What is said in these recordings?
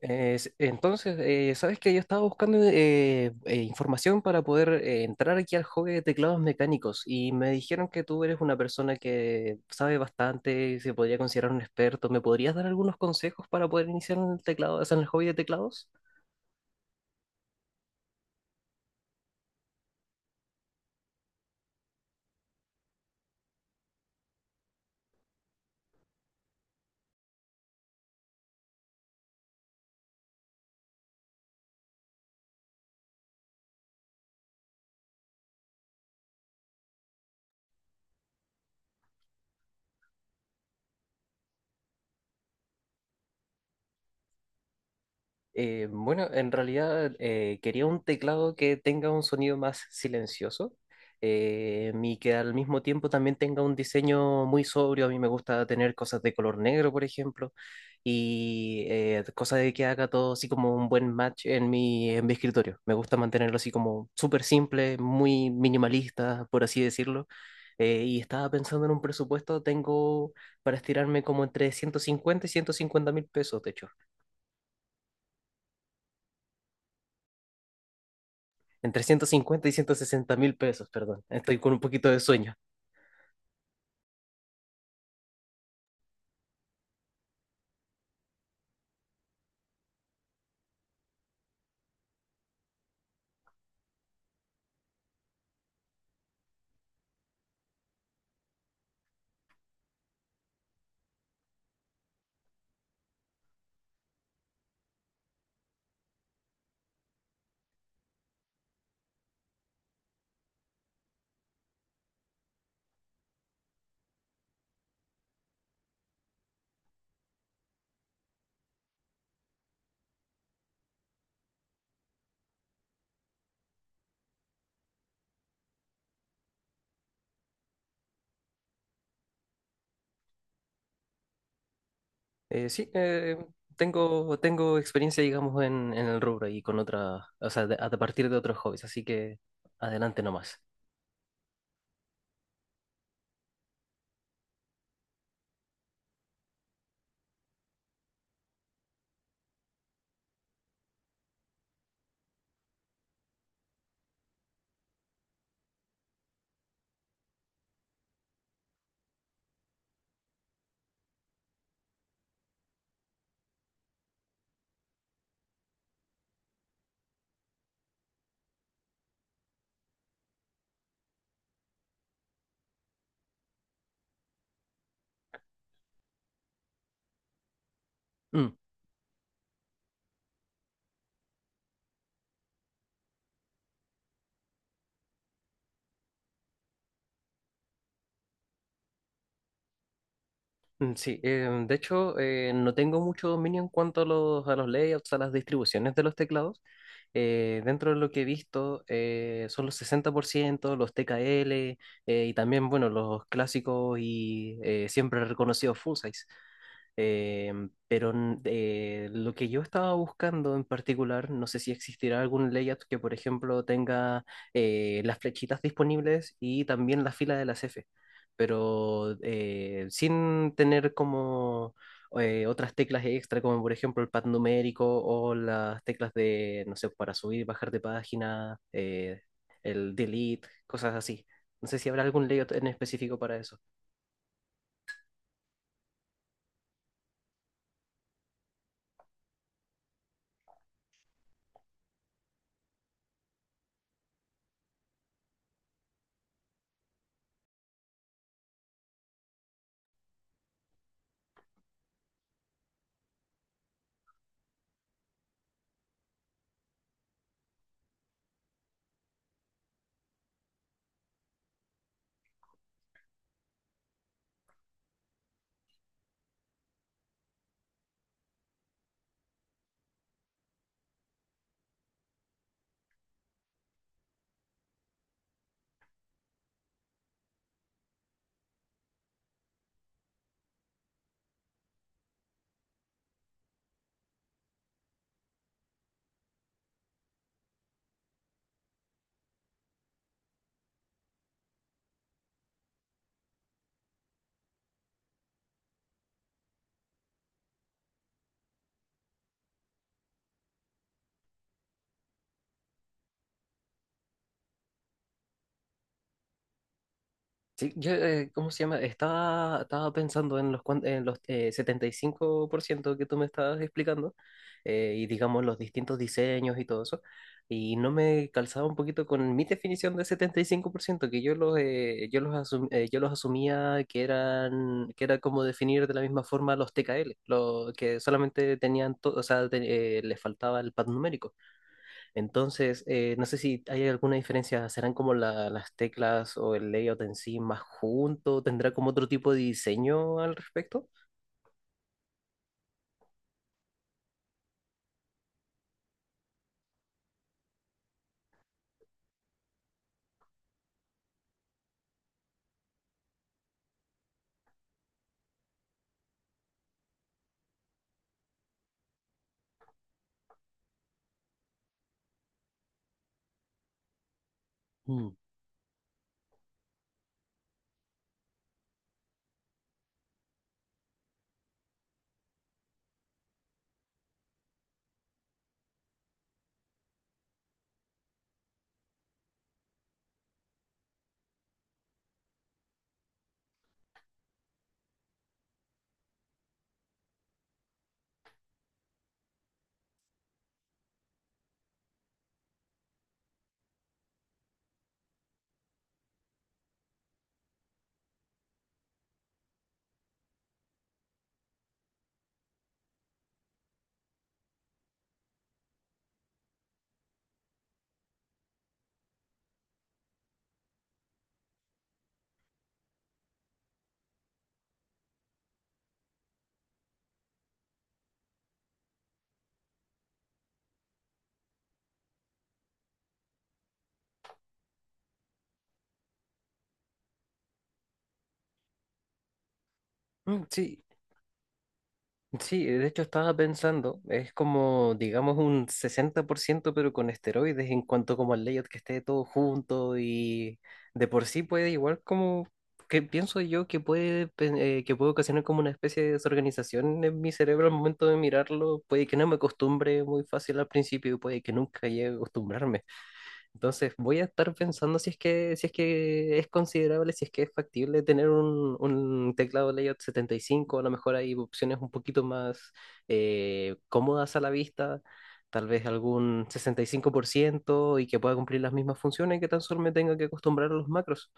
Entonces, sabes que yo estaba buscando información para poder entrar aquí al hobby de teclados mecánicos y me dijeron que tú eres una persona que sabe bastante, se podría considerar un experto. ¿Me podrías dar algunos consejos para poder iniciar en el teclado, o sea, en el hobby de teclados? Bueno, en realidad quería un teclado que tenga un sonido más silencioso y que al mismo tiempo también tenga un diseño muy sobrio. A mí me gusta tener cosas de color negro, por ejemplo, y cosas de que haga todo así como un buen match en mi escritorio. Me gusta mantenerlo así como súper simple, muy minimalista, por así decirlo. Y estaba pensando en un presupuesto, tengo para estirarme como entre 150 y 150.000 pesos, de hecho. Entre 150 y 160.000 pesos, perdón. Estoy con un poquito de sueño. Sí, tengo experiencia, digamos, en el rubro y con otra, o sea, a partir de otros hobbies, así que adelante nomás. Mm, mm, sí, de hecho, no tengo mucho dominio en cuanto a los layouts, a las distribuciones de los teclados. Dentro de lo que he visto, son los 60% los TKL, y también, bueno, los clásicos y siempre reconocidos full size. Eh, pero lo que yo estaba buscando en particular, no sé si existirá algún layout que, por ejemplo, tenga las flechitas disponibles y también la fila de las F, pero sin tener como otras teclas extra, como por ejemplo el pad numérico o las teclas de, no sé, para subir y bajar de página, el delete, cosas así. No sé si habrá algún layout en específico para eso. Sí, yo, ¿cómo se llama? Estaba pensando en los 75% que tú me estabas explicando, y digamos los distintos diseños y todo eso. Y no me calzaba un poquito con mi definición de 75% que yo los asumía que era como definir de la misma forma los TKL, los que solamente tenían, o sea, les faltaba el pad numérico. Entonces, no sé si hay alguna diferencia, ¿serán como las teclas o el layout en sí más junto? ¿Tendrá como otro tipo de diseño al respecto? Mm. Mm, sí. Sí, de hecho estaba pensando, es como, digamos, un 60%, pero con esteroides en cuanto como al layout que esté todo junto y de por sí puede igual como, que pienso yo que puede ocasionar como una especie de desorganización en mi cerebro al momento de mirarlo, puede que no me acostumbre muy fácil al principio y puede que nunca llegue a acostumbrarme. Entonces voy a estar pensando si es que es considerable, si es que es factible tener un teclado layout 75. A lo mejor hay opciones un poquito más cómodas a la vista, tal vez algún 65% y que pueda cumplir las mismas funciones que tan solo me tenga que acostumbrar a los macros.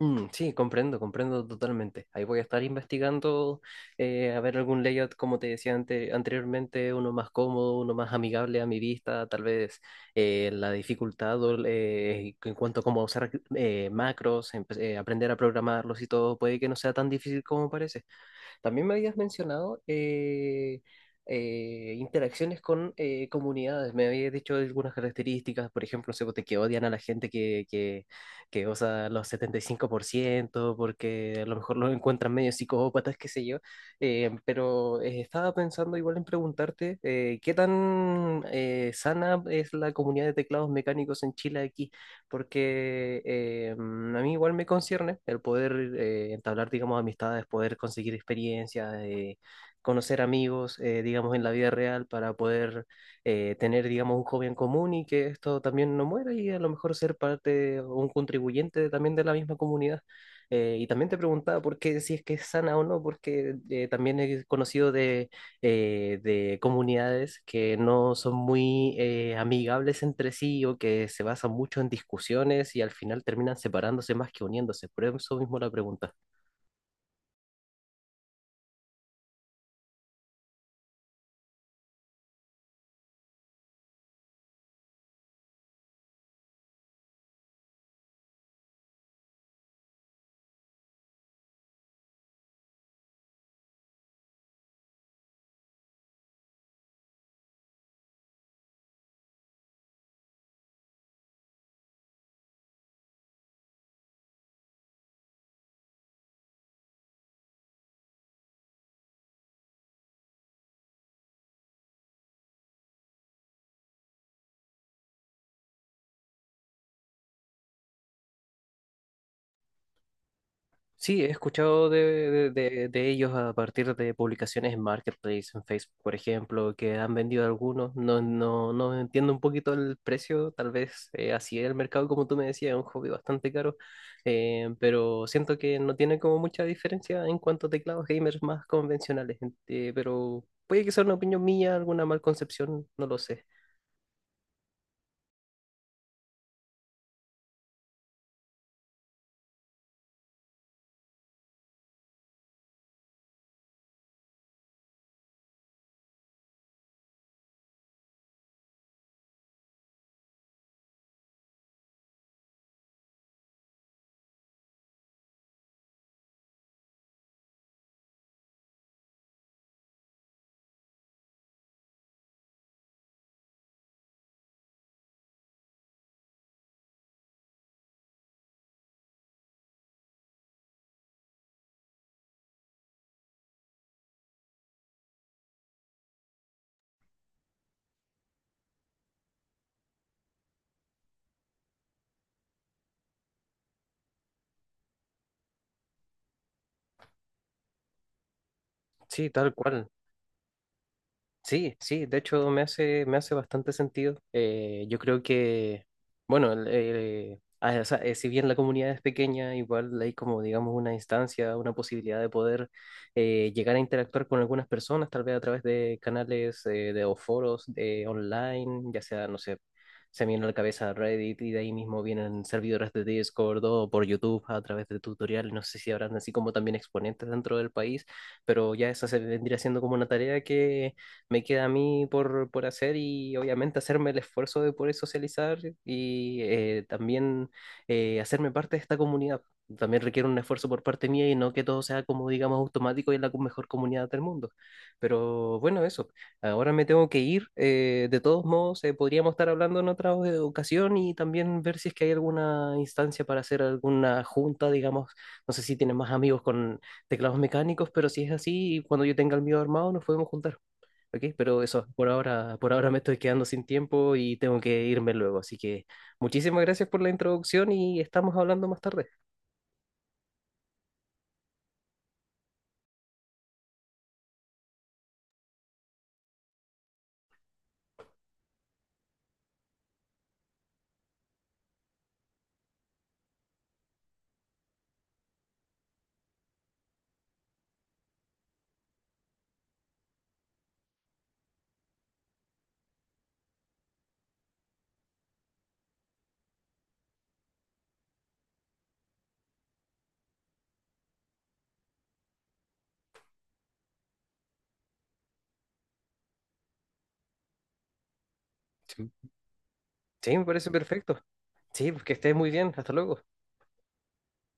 Mm, sí, comprendo, comprendo totalmente. Ahí voy a estar investigando a ver algún layout, como te decía anteriormente, uno más cómodo, uno más amigable a mi vista, tal vez la dificultad o en cuanto a cómo usar macros, aprender a programarlos y todo, puede que no sea tan difícil como parece. También me habías mencionado interacciones con comunidades. Me habías dicho algunas características, por ejemplo, no sé, pues, de que odian a la gente que usa los 75% porque a lo mejor los encuentran medio psicópatas, qué sé yo. Pero estaba pensando igual en preguntarte, ¿qué tan sana es la comunidad de teclados mecánicos en Chile aquí? Porque a mí igual me concierne el poder entablar, digamos, amistades, poder conseguir experiencias, conocer amigos, digamos, en la vida real para poder tener, digamos, un hobby en común y que esto también no muera y a lo mejor ser parte o un contribuyente también de la misma comunidad. Y también te preguntaba por qué, si es que es sana o no, porque también he conocido de comunidades que no son muy amigables entre sí o que se basan mucho en discusiones y al final terminan separándose más que uniéndose. Por eso mismo la pregunta. Sí, he escuchado de ellos a partir de publicaciones en Marketplace, en Facebook, por ejemplo, que han vendido algunos. No, no, no entiendo un poquito el precio, tal vez así es el mercado, como tú me decías, es un hobby bastante caro, pero siento que no tiene como mucha diferencia en cuanto a teclados gamers más convencionales, pero puede que sea una opinión mía, alguna mal concepción, no lo sé. Sí, tal cual. Sí, sí, de hecho me hace bastante sentido. Yo creo que, bueno, o sea, si bien la comunidad es pequeña, igual hay como, digamos, una instancia, una posibilidad de poder llegar a interactuar con algunas personas, tal vez a través de canales o foros de, online, ya sea, no sé, se me viene a la cabeza Reddit y de ahí mismo vienen servidores de Discord o por YouTube a través de tutoriales, no sé si habrán así como también exponentes dentro del país, pero ya esa se vendría siendo como una tarea que me queda a mí por hacer y obviamente hacerme el esfuerzo de poder socializar y también hacerme parte de esta comunidad. También requiere un esfuerzo por parte mía y no que todo sea como digamos automático y la mejor comunidad del mundo. Pero bueno, eso. Ahora me tengo que ir. De todos modos, podríamos estar hablando en otra ocasión y también ver si es que hay alguna instancia para hacer alguna junta, digamos. No sé si tienen más amigos con teclados mecánicos, pero si es así, cuando yo tenga el mío armado, nos podemos juntar. Ok, pero eso, por ahora me estoy quedando sin tiempo y tengo que irme luego. Así que muchísimas gracias por la introducción y estamos hablando más tarde. Sí. Sí, me parece perfecto. Sí, pues que estés muy bien. Hasta luego.